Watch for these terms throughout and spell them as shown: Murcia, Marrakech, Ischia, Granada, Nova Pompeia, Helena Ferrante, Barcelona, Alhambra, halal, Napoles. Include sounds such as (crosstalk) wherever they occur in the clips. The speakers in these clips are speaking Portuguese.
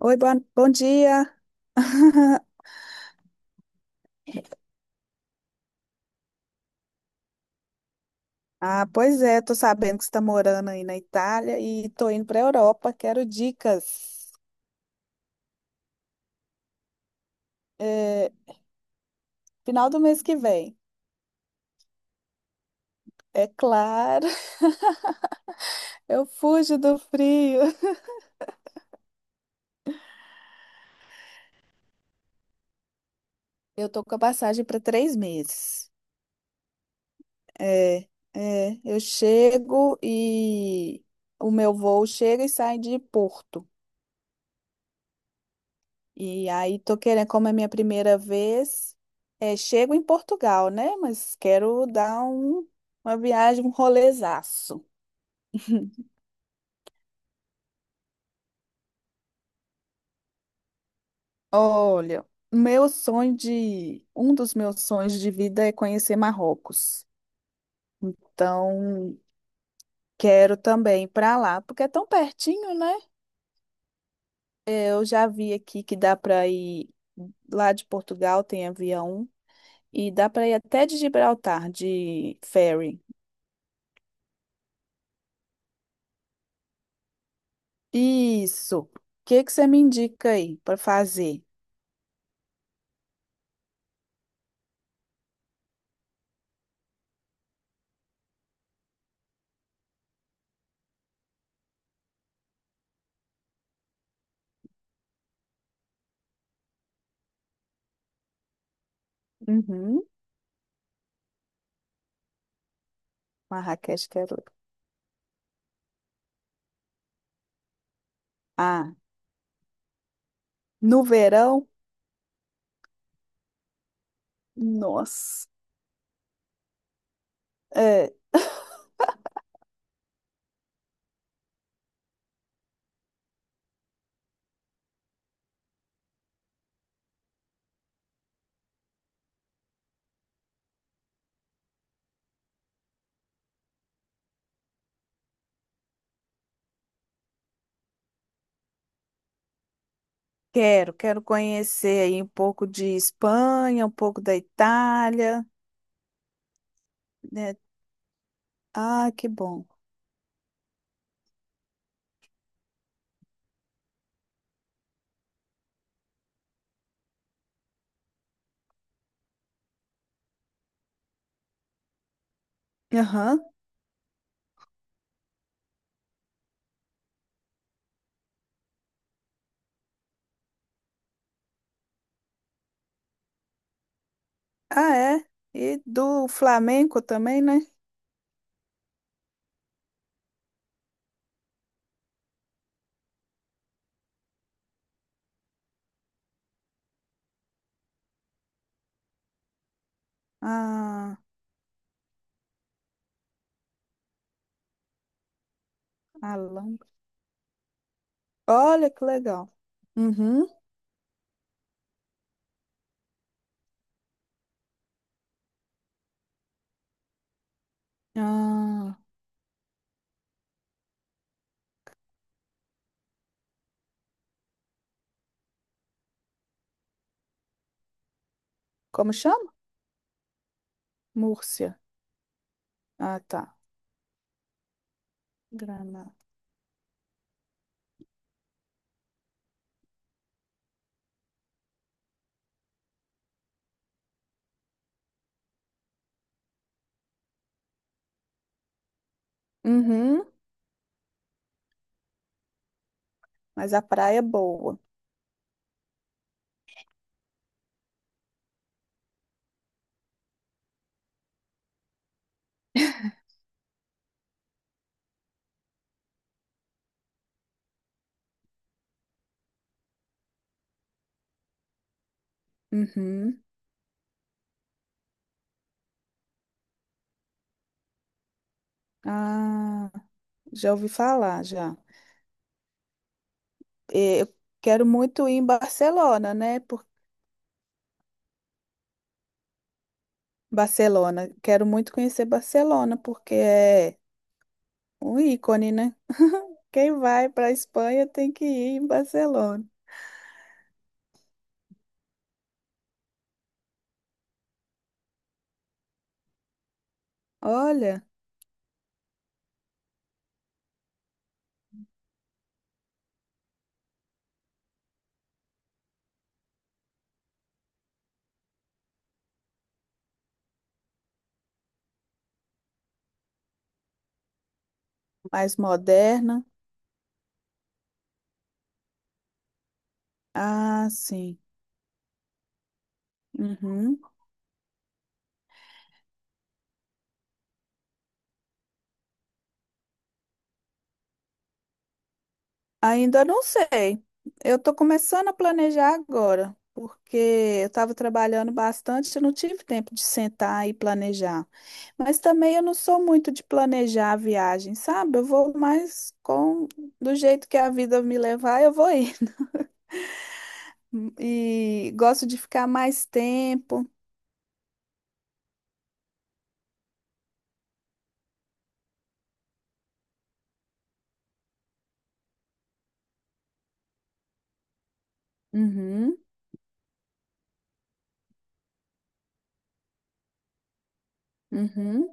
Oi, bom dia. (laughs) Ah, pois é, tô sabendo que você está morando aí na Itália e tô indo para a Europa. Quero dicas. É, final do mês que vem. É claro, (laughs) eu fujo do frio. Eu tô com a passagem para 3 meses. É, eu chego e o meu voo chega e sai de Porto. E aí tô querendo, como é minha primeira vez, chego em Portugal, né? Mas quero dar uma viagem, um rolezaço. Olha, um dos meus sonhos de vida é conhecer Marrocos. Então, quero também ir para lá, porque é tão pertinho, né? Eu já vi aqui que dá para ir lá de Portugal, tem avião, e dá para ir até de Gibraltar de ferry. Isso. O que que você me indica aí para fazer? Uhum. Marrakech, quero ir. Ah, no verão? Nossa. É, quero, quero conhecer aí um pouco de Espanha, um pouco da Itália, né? Ah, que bom. Aham. Ah, é. E do Flamengo também, né? Ah, Alhambra. Olha que legal. Uhum. Ah, como chama? Múrcia. Ah, tá. Granada. Uhum. Mas a praia é boa. Uhum. Ah, já ouvi falar, já. Eu quero muito ir em Barcelona, né? Por... Barcelona. Quero muito conhecer Barcelona, porque é um ícone, né? Quem vai para a Espanha tem que ir em Barcelona. Olha, mais moderna. Ah, sim. Uhum. Ainda não sei. Eu estou começando a planejar agora, porque eu estava trabalhando bastante, eu não tive tempo de sentar e planejar. Mas também eu não sou muito de planejar a viagem, sabe? Eu vou mais com do jeito que a vida me levar, eu vou ir. (laughs) E gosto de ficar mais tempo. Uhum, uhum.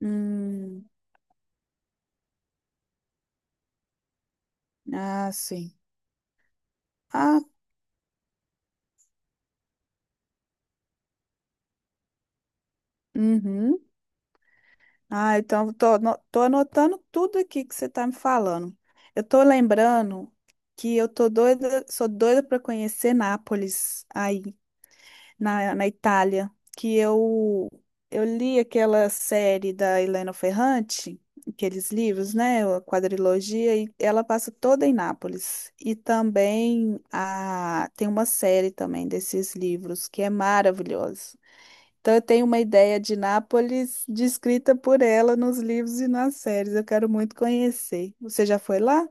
Hum, ah, sim. Ah, uhum. Ah, então tô anotando tudo aqui que você tá me falando. Eu tô lembrando que eu tô doida, sou doida para conhecer Nápoles aí na Itália, que eu li aquela série da Helena Ferrante, aqueles livros, né, a quadrilogia, e ela passa toda em Nápoles. E também a tem uma série também desses livros que é maravilhosa. Então, eu tenho uma ideia de Nápoles descrita por ela nos livros e nas séries. Eu quero muito conhecer. Você já foi lá?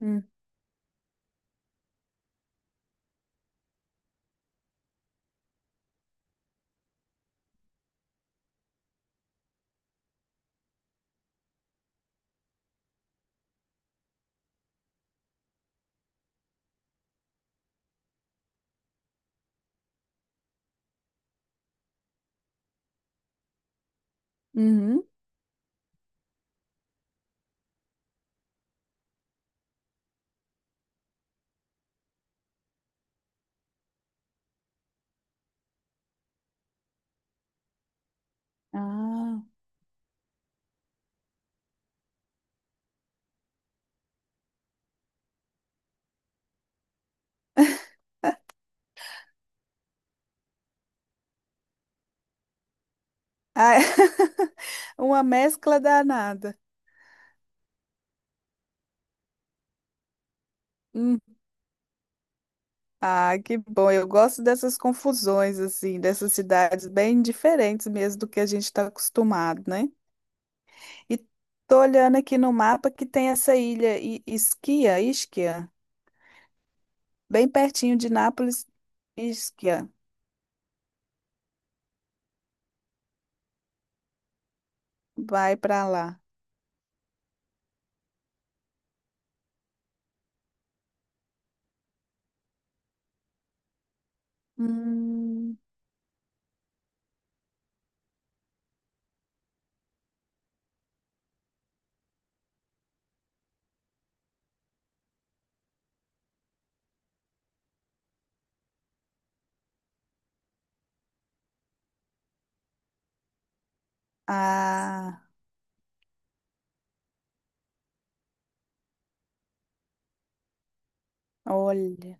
Hum. Uhum. Ah. Ah, (laughs) uma mescla danada. Hum. Ah, que bom. Eu gosto dessas confusões, assim, dessas cidades bem diferentes mesmo do que a gente está acostumado, né? E tô olhando aqui no mapa que tem essa ilha Ischia, Ischia, bem pertinho de Nápoles, Ischia. Vai para lá. Hum, ah, olha.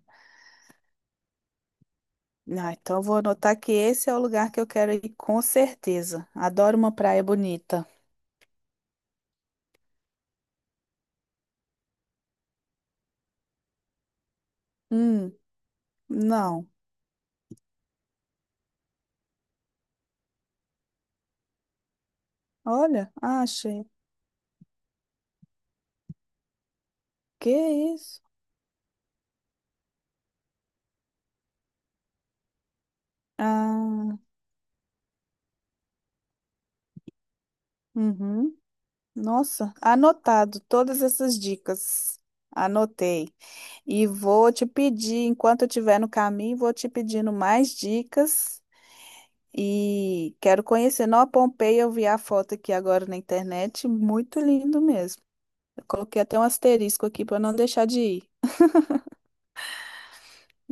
Ah, então eu vou anotar que esse é o lugar que eu quero ir com certeza. Adoro uma praia bonita. Hum, não. Olha, ah, achei. Que isso? Ah, uhum. Nossa, anotado todas essas dicas. Anotei. E vou te pedir, enquanto eu estiver no caminho, vou te pedindo mais dicas. E quero conhecer Nova Pompeia. Eu vi a foto aqui agora na internet. Muito lindo mesmo. Eu coloquei até um asterisco aqui para não deixar de ir.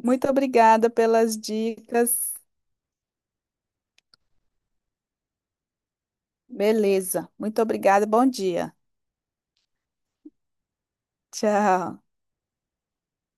Muito obrigada pelas dicas. Beleza. Muito obrigada. Bom dia. Tchau.